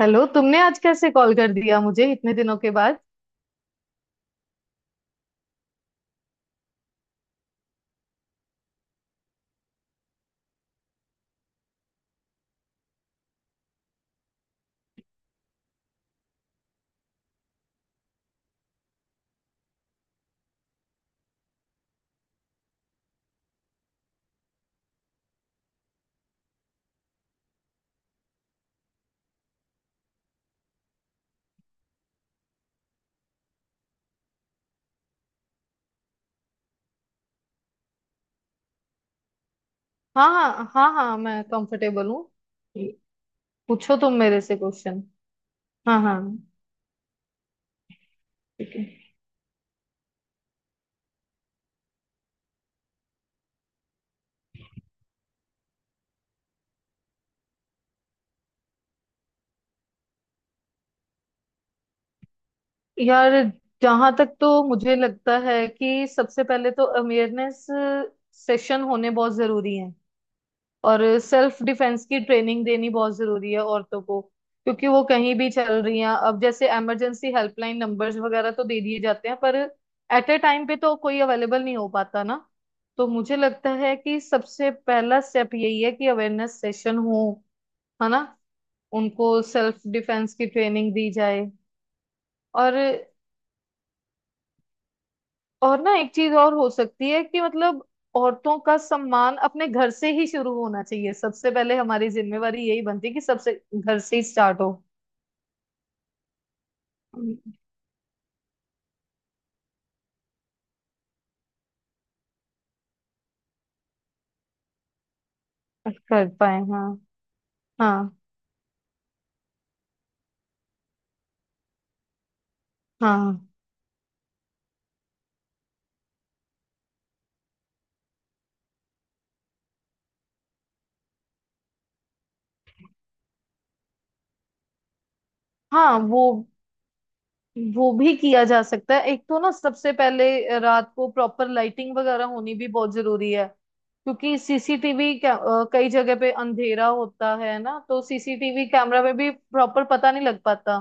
Hello, तुमने आज कैसे कॉल कर दिया मुझे इतने दिनों के बाद। हाँ हाँ हाँ हाँ, मैं कंफर्टेबल हूँ। पूछो तुम मेरे से क्वेश्चन। हाँ हाँ। ठीक है। यार, जहां तक तो मुझे लगता है कि सबसे पहले तो अवेयरनेस सेशन होने बहुत जरूरी है। और सेल्फ डिफेंस की ट्रेनिंग देनी बहुत जरूरी है औरतों को, क्योंकि वो कहीं भी चल रही हैं। अब जैसे इमरजेंसी हेल्पलाइन नंबर्स वगैरह तो दे दिए जाते हैं, पर एट ए टाइम पे तो कोई अवेलेबल नहीं हो पाता ना। तो मुझे लगता है कि सबसे पहला स्टेप यही है कि अवेयरनेस सेशन हो, है ना। उनको सेल्फ डिफेंस की ट्रेनिंग दी जाए। और और ना एक चीज और हो सकती है कि मतलब औरतों का सम्मान अपने घर से ही शुरू होना चाहिए। सबसे पहले हमारी जिम्मेवारी यही बनती है कि सबसे घर से ही स्टार्ट हो। हम्म। कर पाए, हाँ। हाँ हाँ हाँ। वो भी किया जा सकता है। एक तो ना सबसे पहले रात को प्रॉपर लाइटिंग वगैरह होनी भी बहुत जरूरी है, क्योंकि सीसीटीवी कई जगह पे अंधेरा होता है ना, तो सीसीटीवी कैमरा में भी प्रॉपर पता नहीं लग पाता।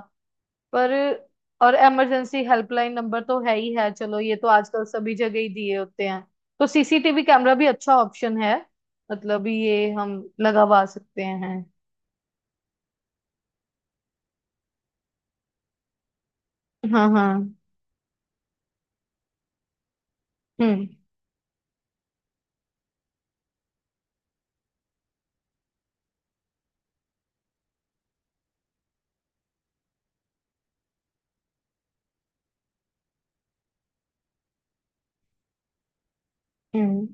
पर और इमरजेंसी हेल्पलाइन नंबर तो है ही है। चलो, ये तो आजकल सभी जगह ही दिए होते हैं। तो सीसीटीवी कैमरा भी अच्छा ऑप्शन है। मतलब ये हम लगवा सकते हैं। हाँ हाँ। हम्म। हम्म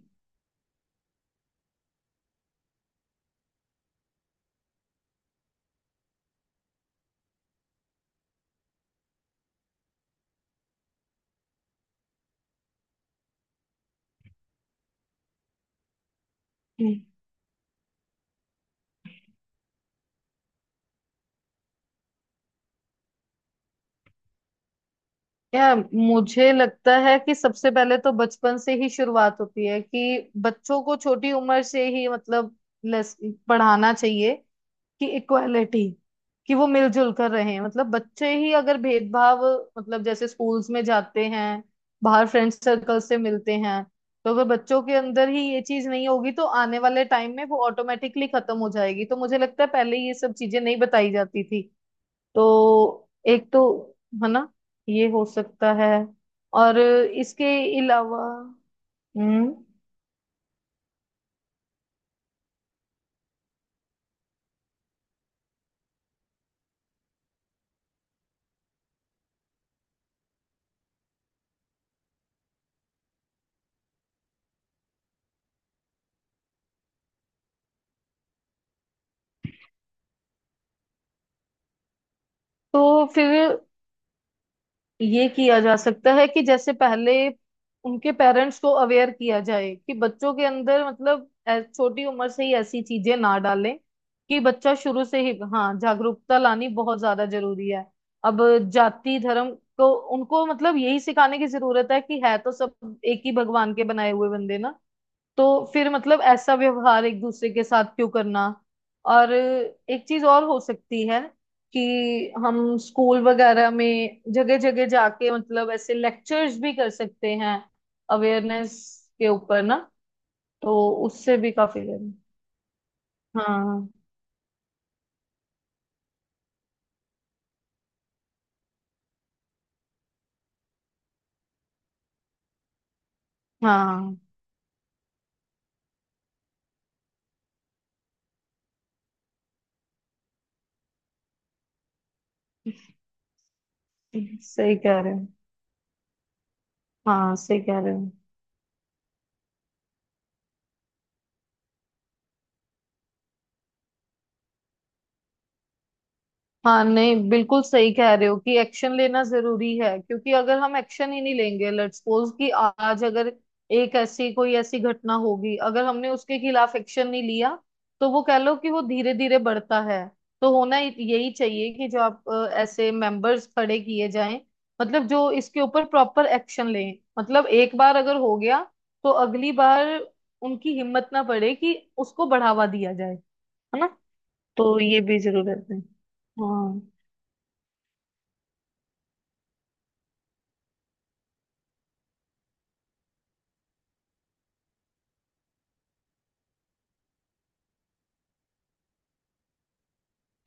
हम्म। यार, मुझे लगता है कि सबसे पहले तो बचपन से ही शुरुआत होती है कि बच्चों को छोटी उम्र से ही मतलब लेस- पढ़ाना चाहिए कि इक्वालिटी, कि वो मिलजुल कर रहे हैं। मतलब बच्चे ही अगर भेदभाव मतलब जैसे स्कूल्स में जाते हैं, बाहर फ्रेंड सर्कल से मिलते हैं, तो अगर बच्चों के अंदर ही ये चीज नहीं होगी तो आने वाले टाइम में वो ऑटोमेटिकली खत्म हो जाएगी। तो मुझे लगता है पहले ये सब चीजें नहीं बताई जाती थी, तो एक तो, है ना, ये हो सकता है। और इसके अलावा हम्म, तो फिर ये किया जा सकता है कि जैसे पहले उनके पेरेंट्स को अवेयर किया जाए कि बच्चों के अंदर मतलब छोटी उम्र से ही ऐसी चीजें ना डालें कि बच्चा शुरू से ही। हाँ, जागरूकता लानी बहुत ज्यादा जरूरी है। अब जाति धर्म को उनको मतलब यही सिखाने की जरूरत है कि है तो सब एक ही भगवान के बनाए हुए बंदे ना। तो फिर मतलब ऐसा व्यवहार एक दूसरे के साथ क्यों करना। और एक चीज और हो सकती है कि हम स्कूल वगैरह में जगह जगह जाके मतलब ऐसे लेक्चर्स भी कर सकते हैं अवेयरनेस के ऊपर ना, तो उससे भी काफी। हाँ हाँ, सही कह रहे हो। हाँ, सही कह रहे हो। हाँ नहीं, बिल्कुल सही कह रहे हो कि एक्शन लेना जरूरी है, क्योंकि अगर हम एक्शन ही नहीं लेंगे, लेट्स सपोज कि आज अगर एक ऐसी, कोई ऐसी घटना होगी, अगर हमने उसके खिलाफ एक्शन नहीं लिया, तो वो कह लो कि वो धीरे धीरे बढ़ता है। तो होना यही चाहिए कि जो आप ऐसे मेंबर्स खड़े किए जाएं, मतलब जो इसके ऊपर प्रॉपर एक्शन लें। मतलब एक बार अगर हो गया, तो अगली बार उनकी हिम्मत ना पड़े कि उसको बढ़ावा दिया जाए, है ना। तो ये भी जरूरत है। हाँ।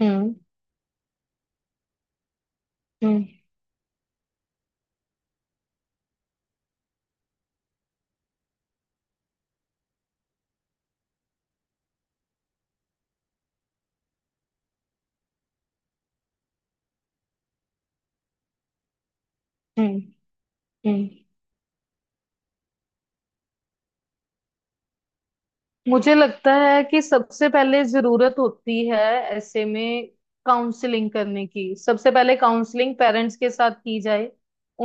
हम्म हम्म हम्म। हम्म। मुझे लगता है कि सबसे पहले जरूरत होती है ऐसे में काउंसलिंग करने की। सबसे पहले काउंसलिंग पेरेंट्स के साथ की जाए।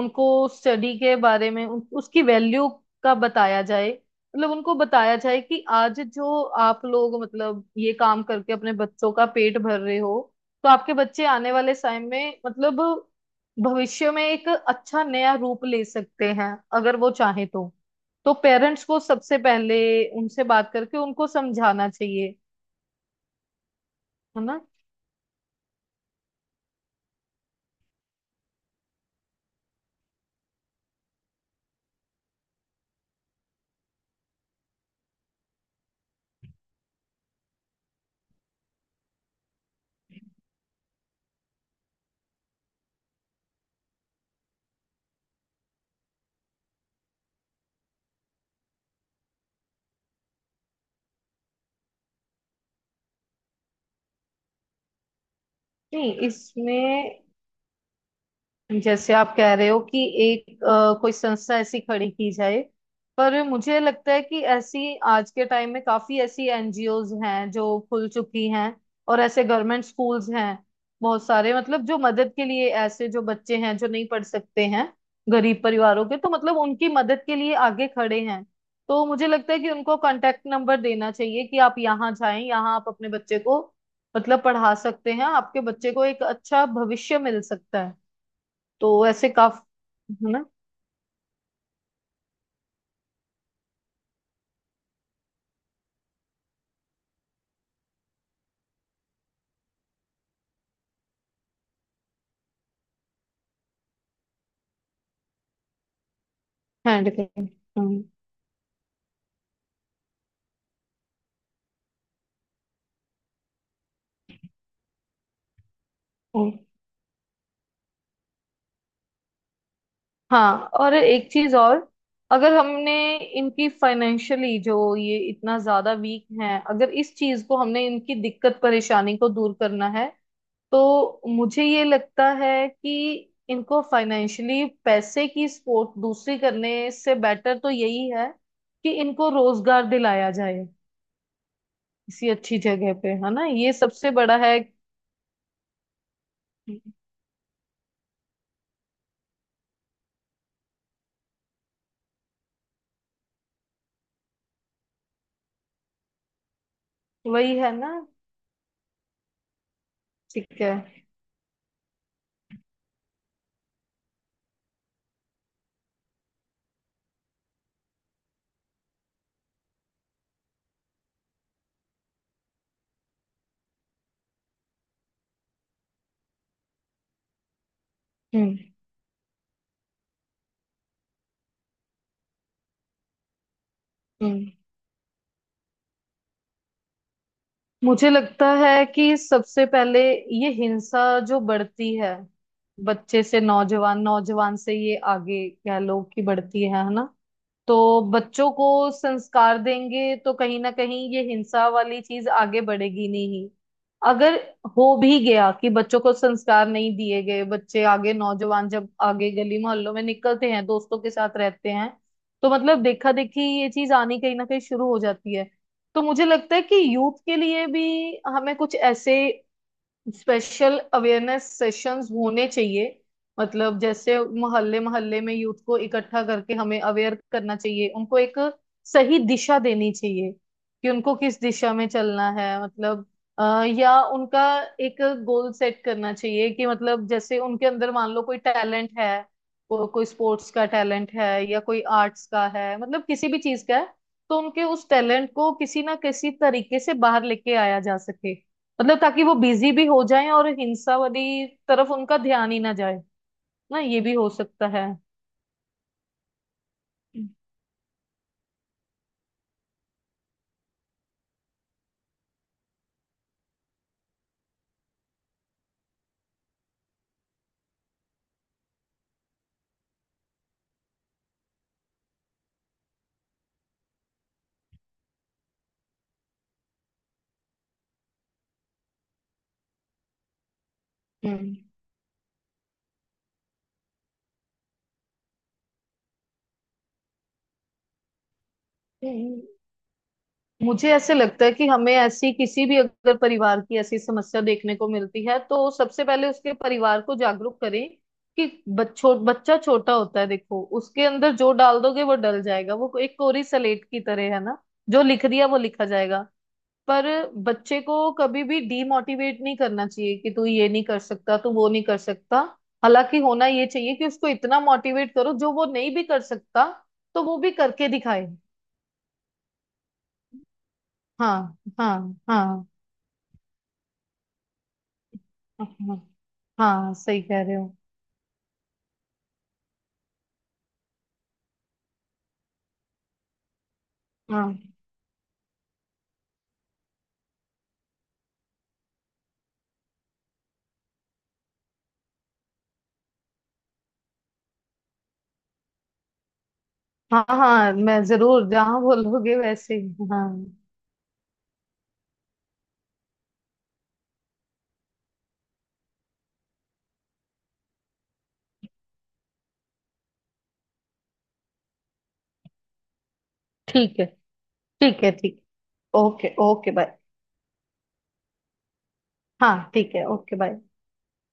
उनको स्टडी के बारे में उसकी वैल्यू का बताया जाए। मतलब उनको बताया जाए कि आज जो आप लोग मतलब ये काम करके अपने बच्चों का पेट भर रहे हो, तो आपके बच्चे आने वाले समय में मतलब भविष्य में एक अच्छा नया रूप ले सकते हैं अगर वो चाहे तो। तो पेरेंट्स को सबसे पहले उनसे बात करके उनको समझाना चाहिए, है ना। नहीं इसमें, जैसे आप कह रहे हो कि एक कोई संस्था ऐसी खड़ी की जाए, पर मुझे लगता है कि ऐसी आज के टाइम में काफी ऐसी एनजीओज हैं जो खुल चुकी हैं। और ऐसे गवर्नमेंट स्कूल्स हैं बहुत सारे, मतलब जो मदद के लिए, ऐसे जो बच्चे हैं जो नहीं पढ़ सकते हैं, गरीब परिवारों के, तो मतलब उनकी मदद के लिए आगे खड़े हैं। तो मुझे लगता है कि उनको कांटेक्ट नंबर देना चाहिए कि आप यहाँ जाएं, यहाँ आप अपने बच्चे को मतलब पढ़ा सकते हैं, आपके बच्चे को एक अच्छा भविष्य मिल सकता है। तो ऐसे काफी, है ना। हैंड के, हम्म। हम्म। हाँ, और एक चीज और। अगर हमने इनकी फाइनेंशियली, जो ये इतना ज्यादा वीक हैं, अगर इस चीज को, हमने इनकी दिक्कत परेशानी को दूर करना है, तो मुझे ये लगता है कि इनको फाइनेंशियली पैसे की सपोर्ट दूसरी करने से बेटर तो यही है कि इनको रोजगार दिलाया जाए किसी अच्छी जगह पे, है ना। ये सबसे बड़ा है। वही, है ना। ठीक है। हम्म। हम्म। मुझे लगता है कि सबसे पहले ये हिंसा जो बढ़ती है, बच्चे से नौजवान, नौजवान से ये आगे कह लो कि बढ़ती है ना। तो बच्चों को संस्कार देंगे तो कहीं ना कहीं ये हिंसा वाली चीज आगे बढ़ेगी नहीं। अगर हो भी गया कि बच्चों को संस्कार नहीं दिए गए, बच्चे आगे नौजवान जब आगे गली मोहल्लों में निकलते हैं, दोस्तों के साथ रहते हैं, तो मतलब देखा देखी ये चीज आनी कहीं ना कहीं शुरू हो जाती है। तो मुझे लगता है कि यूथ के लिए भी हमें कुछ ऐसे स्पेशल अवेयरनेस सेशंस होने चाहिए। मतलब जैसे मोहल्ले मोहल्ले में यूथ को इकट्ठा करके हमें अवेयर करना चाहिए, उनको एक सही दिशा देनी चाहिए कि उनको किस दिशा में चलना है। मतलब या उनका एक गोल सेट करना चाहिए कि, मतलब जैसे उनके अंदर मान लो कोई टैलेंट है, कोई स्पोर्ट्स का टैलेंट है या कोई आर्ट्स का है, मतलब किसी भी चीज का है, तो उनके उस टैलेंट को किसी ना किसी तरीके से बाहर लेके आया जा सके, मतलब ताकि वो बिजी भी हो जाए और हिंसा वाली तरफ उनका ध्यान ही ना जाए। ना, ये भी हो सकता है। हम्म। हम्म। मुझे ऐसे लगता है कि हमें ऐसी, किसी भी अगर परिवार की ऐसी समस्या देखने को मिलती है, तो सबसे पहले उसके परिवार को जागरूक करें कि बच्चों बच्चा छोटा होता है, देखो उसके अंदर जो डाल दोगे वो डल जाएगा। वो एक कोरी सलेट की तरह है ना, जो लिख दिया वो लिखा जाएगा। पर बच्चे को कभी भी डीमोटिवेट नहीं करना चाहिए कि तू ये नहीं कर सकता, तू वो नहीं कर सकता। हालांकि होना ये चाहिए कि उसको इतना मोटिवेट करो जो वो नहीं भी कर सकता तो वो भी करके दिखाए। हाँ हाँ। हाँ हाँ, हाँ सही कह रहे हो। हाँ हाँ। हाँ, मैं जरूर, जहाँ बोलोगे वैसे ही। हाँ ठीक है। ठीक है ठीक ओके, ओके बाय। हाँ ठीक है, ओके बाय।